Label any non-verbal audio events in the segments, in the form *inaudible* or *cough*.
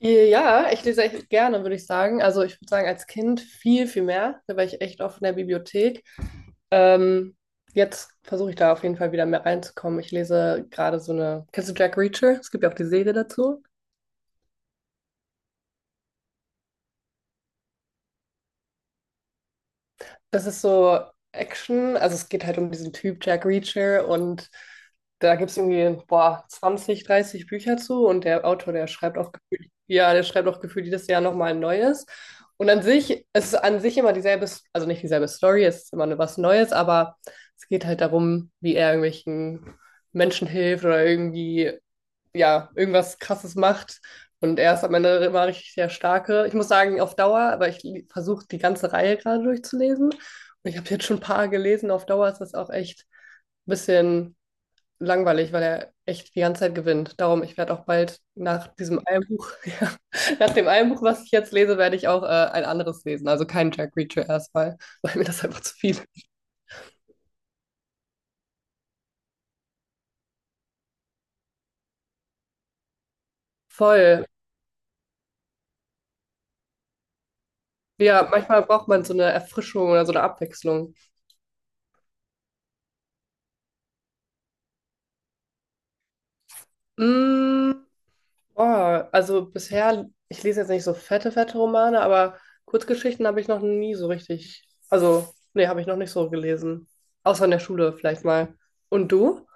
Ja, ich lese echt gerne, würde ich sagen. Also ich würde sagen, als Kind viel, viel mehr. Da war ich echt oft in der Bibliothek. Ähm, Jetzt versuche ich da auf jeden Fall wieder mehr reinzukommen. Ich lese gerade so eine. Kennst du Jack Reacher? Es gibt ja auch die Serie dazu. Das ist so Action, also es geht halt um diesen Typ Jack Reacher, und da gibt es irgendwie, boah, 20, 30 Bücher zu, und der Autor, der schreibt auch gefühlt, ja, der schreibt auch gefühlt jedes Jahr nochmal ein neues. Und an sich, es ist an sich immer dieselbe, also nicht dieselbe Story, es ist immer nur was Neues, aber es geht halt darum, wie er irgendwelchen Menschen hilft oder irgendwie, ja, irgendwas Krasses macht. Und er ist am Ende immer richtig der Starke. Ich muss sagen, auf Dauer, aber versuche die ganze Reihe gerade durchzulesen. Und ich habe jetzt schon ein paar gelesen. Auf Dauer ist das auch echt ein bisschen langweilig, weil er echt die ganze Zeit gewinnt. Darum, ich werde auch bald nach diesem einen Buch, *laughs* ja, nach dem einen Buch, was ich jetzt lese, werde ich auch ein anderes lesen. Also kein Jack Reacher erstmal, *laughs* weil mir das einfach zu viel ist. Voll. Ja, manchmal braucht man so eine Erfrischung oder so eine Abwechslung. Mm, Oh, also bisher, ich lese jetzt nicht so fette, fette Romane, aber Kurzgeschichten habe ich noch nie so richtig. Also, nee, habe ich noch nicht so gelesen. Außer in der Schule vielleicht mal. Und du?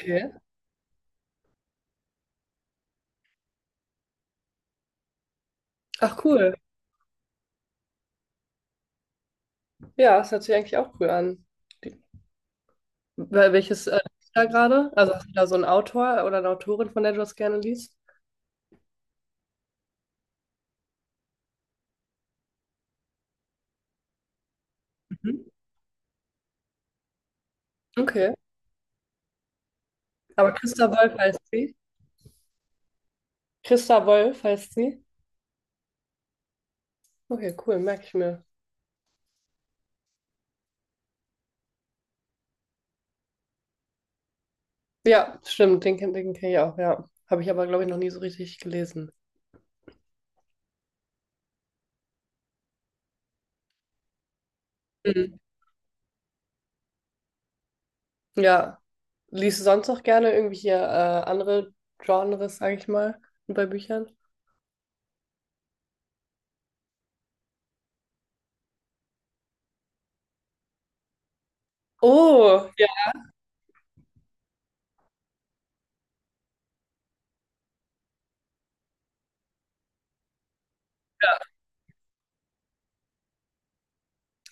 Okay. Ach, cool. Ja, das hört sich eigentlich auch cool an. Die, welches liest du da gerade? Also hast du da so einen Autor oder eine Autorin, von der du das gerne liest? Mhm. Okay. Aber Christa Wolf heißt sie. Christa Wolf heißt sie. Okay, cool, merke ich mir. Ja, stimmt, den, den kenne ich auch, ja. Habe ich aber, glaube ich, noch nie so richtig gelesen. Mhm. Ja, liest du sonst noch gerne irgendwelche andere Genres, sag ich mal, bei Büchern? Oh, ja.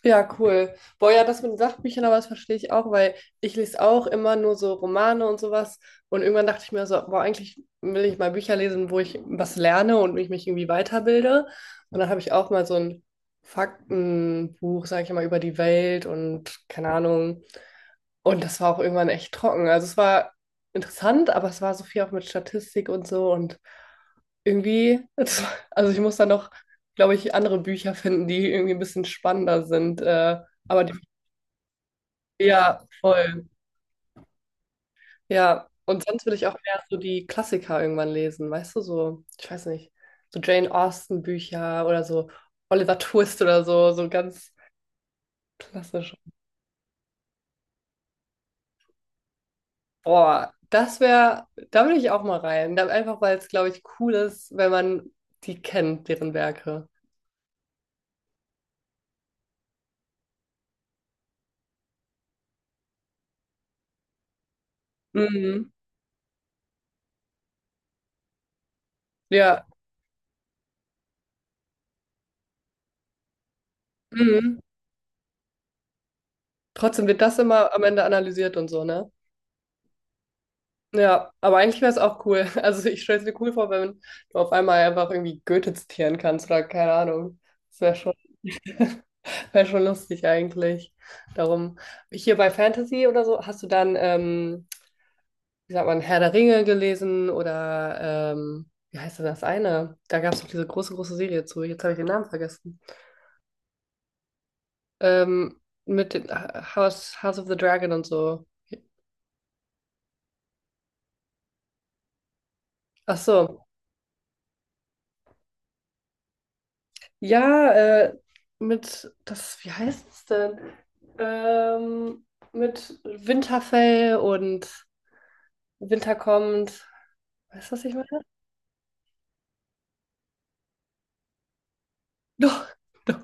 Ja, cool. Boah, ja, das mit den Sachbüchern, aber das verstehe ich auch, weil ich lese auch immer nur so Romane und sowas. Und irgendwann dachte ich mir so, boah, eigentlich will ich mal Bücher lesen, wo ich was lerne und ich mich irgendwie weiterbilde. Und dann habe ich auch mal so ein Faktenbuch, sage ich mal, über die Welt und keine Ahnung. Und das war auch irgendwann echt trocken. Also es war interessant, aber es war so viel auch mit Statistik und so. Und irgendwie, *laughs* also ich muss da noch, glaube ich, andere Bücher finden, die irgendwie ein bisschen spannender sind. Aber die, ja, voll. Ja, und sonst würde ich auch mehr so die Klassiker irgendwann lesen, weißt du, so, ich weiß nicht, so Jane Austen-Bücher oder so Oliver Twist oder so, so ganz klassisch. Boah, das wäre, da würde ich auch mal rein. Da, einfach weil es, glaube ich, cool ist, wenn man die kennt, deren Werke. Mhm. Ja, mhm. Trotzdem wird das immer am Ende analysiert und so, ne? Ja, aber eigentlich wäre es auch cool. *laughs* Also ich stelle es mir cool vor, wenn du auf einmal einfach irgendwie Goethe zitieren kannst oder keine Ahnung. Das wäre schon, *laughs* wär schon lustig eigentlich. Darum, hier bei Fantasy oder so, hast du dann, wie sagt man, Herr der Ringe gelesen oder wie heißt denn das eine? Da gab es doch diese große, große Serie zu. Jetzt habe ich den Namen vergessen. Ähm, mit dem House, House of the Dragon und so. Ach so, ja, mit, das, wie heißt es denn? Ähm, mit Winterfell und Winter kommt. Weißt du, was ich meine? *laughs* Doch, doch.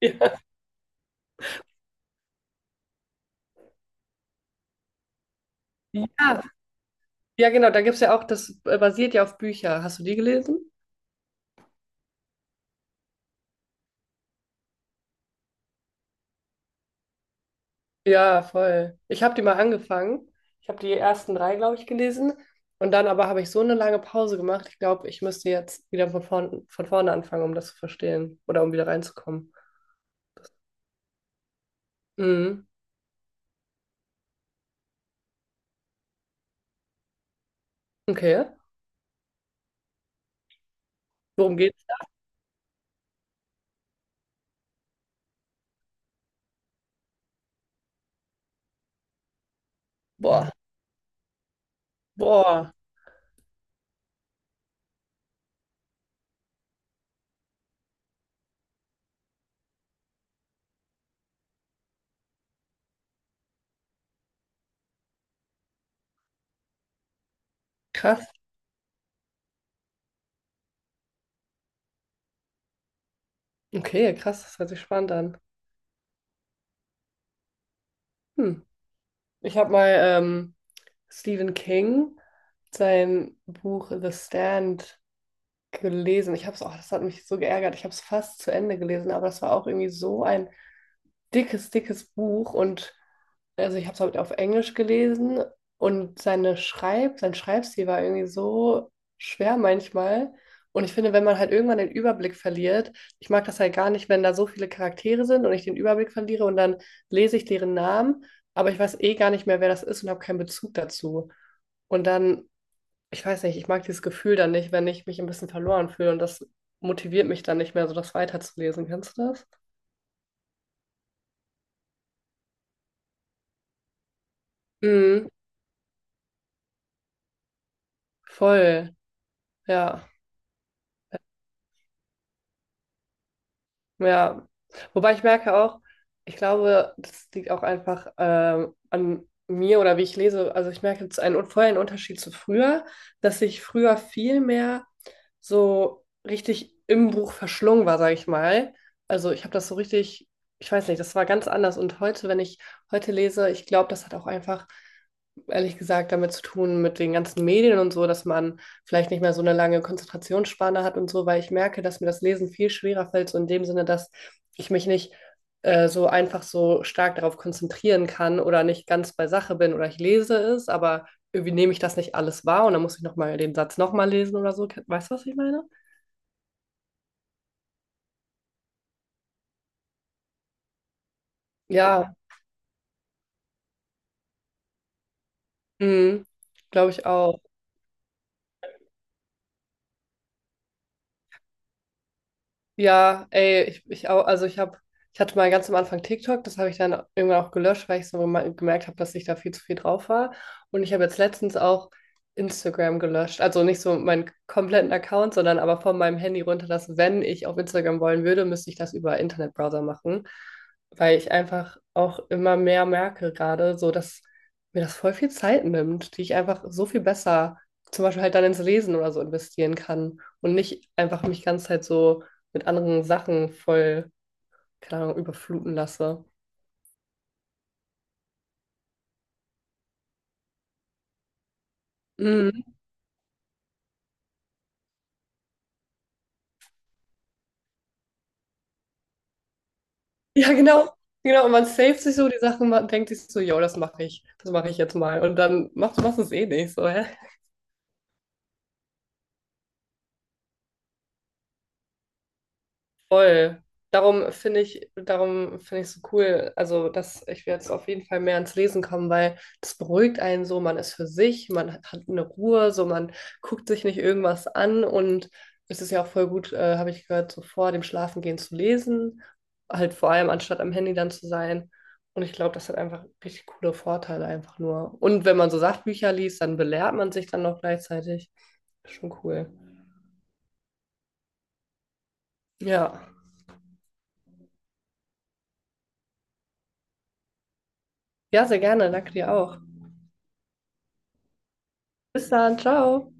Ja. Ja, ja, genau, da gibt es ja auch, das basiert ja auf Bücher. Hast du die gelesen? Ja, voll. Ich habe die mal angefangen. Ich habe die ersten drei, glaube ich, gelesen. Und dann aber habe ich so eine lange Pause gemacht. Ich glaube, ich müsste jetzt wieder von vorne anfangen, um das zu verstehen oder um wieder reinzukommen. Mhm. Okay. Worum geht's? Boah, boah, krass. Okay, krass, das hört sich spannend an. Hm. Ich habe mal Stephen King, sein Buch The Stand gelesen. Ich habe es, oh, das hat mich so geärgert. Ich habe es fast zu Ende gelesen, aber das war auch irgendwie so ein dickes, dickes Buch. Und also ich habe es halt auf Englisch gelesen und seine sein Schreibstil war irgendwie so schwer manchmal. Und ich finde, wenn man halt irgendwann den Überblick verliert, ich mag das halt gar nicht, wenn da so viele Charaktere sind und ich den Überblick verliere und dann lese ich deren Namen, aber ich weiß eh gar nicht mehr, wer das ist und habe keinen Bezug dazu. Und dann, ich weiß nicht, ich mag dieses Gefühl dann nicht, wenn ich mich ein bisschen verloren fühle und das motiviert mich dann nicht mehr, so das weiterzulesen. Kennst du das? Mhm, voll, ja. Ja, wobei ich merke auch, ich glaube, das liegt auch einfach an mir oder wie ich lese. Also ich merke jetzt einen vorher einen Unterschied zu früher, dass ich früher viel mehr so richtig im Buch verschlungen war, sage ich mal. Also ich habe das so richtig, ich weiß nicht, das war ganz anders. Und heute, wenn ich heute lese, ich glaube, das hat auch einfach, ehrlich gesagt, damit zu tun mit den ganzen Medien und so, dass man vielleicht nicht mehr so eine lange Konzentrationsspanne hat und so, weil ich merke, dass mir das Lesen viel schwerer fällt, so in dem Sinne, dass ich mich nicht so einfach so stark darauf konzentrieren kann oder nicht ganz bei Sache bin oder ich lese es, aber irgendwie nehme ich das nicht alles wahr und dann muss ich nochmal den Satz nochmal lesen oder so. Weißt du, was ich meine? Ja, mhm, glaube ich auch. Ja, ey, ich auch, also ich hatte mal ganz am Anfang TikTok, das habe ich dann irgendwann auch gelöscht, weil ich so gemerkt habe, dass ich da viel zu viel drauf war. Und ich habe jetzt letztens auch Instagram gelöscht. Also nicht so meinen kompletten Account, sondern aber von meinem Handy runter, dass wenn ich auf Instagram wollen würde, müsste ich das über Internetbrowser machen. Weil ich einfach auch immer mehr merke gerade, so dass mir das voll viel Zeit nimmt, die ich einfach so viel besser zum Beispiel halt dann ins Lesen oder so investieren kann und nicht einfach mich ganz halt so mit anderen Sachen voll, keine Ahnung, überfluten lasse. Mhm. *laughs* Ja, genau. Genau, und man saved sich so die Sachen, man denkt sich so, yo, das mache ich jetzt mal. Und dann machst du es eh nicht, so, hä? Voll. Darum finde ich so cool, also dass ich will jetzt auf jeden Fall mehr ans Lesen kommen, weil das beruhigt einen so, man ist für sich, man hat eine Ruhe, so man guckt sich nicht irgendwas an und es ist ja auch voll gut, habe ich gehört, so vor dem Schlafengehen zu lesen, halt vor allem anstatt am Handy dann zu sein. Und ich glaube, das hat einfach richtig coole Vorteile einfach nur. Und wenn man so Sachbücher liest, dann belehrt man sich dann noch gleichzeitig. Schon cool. Ja. Ja, sehr gerne. Danke dir auch. Bis dann. Ciao.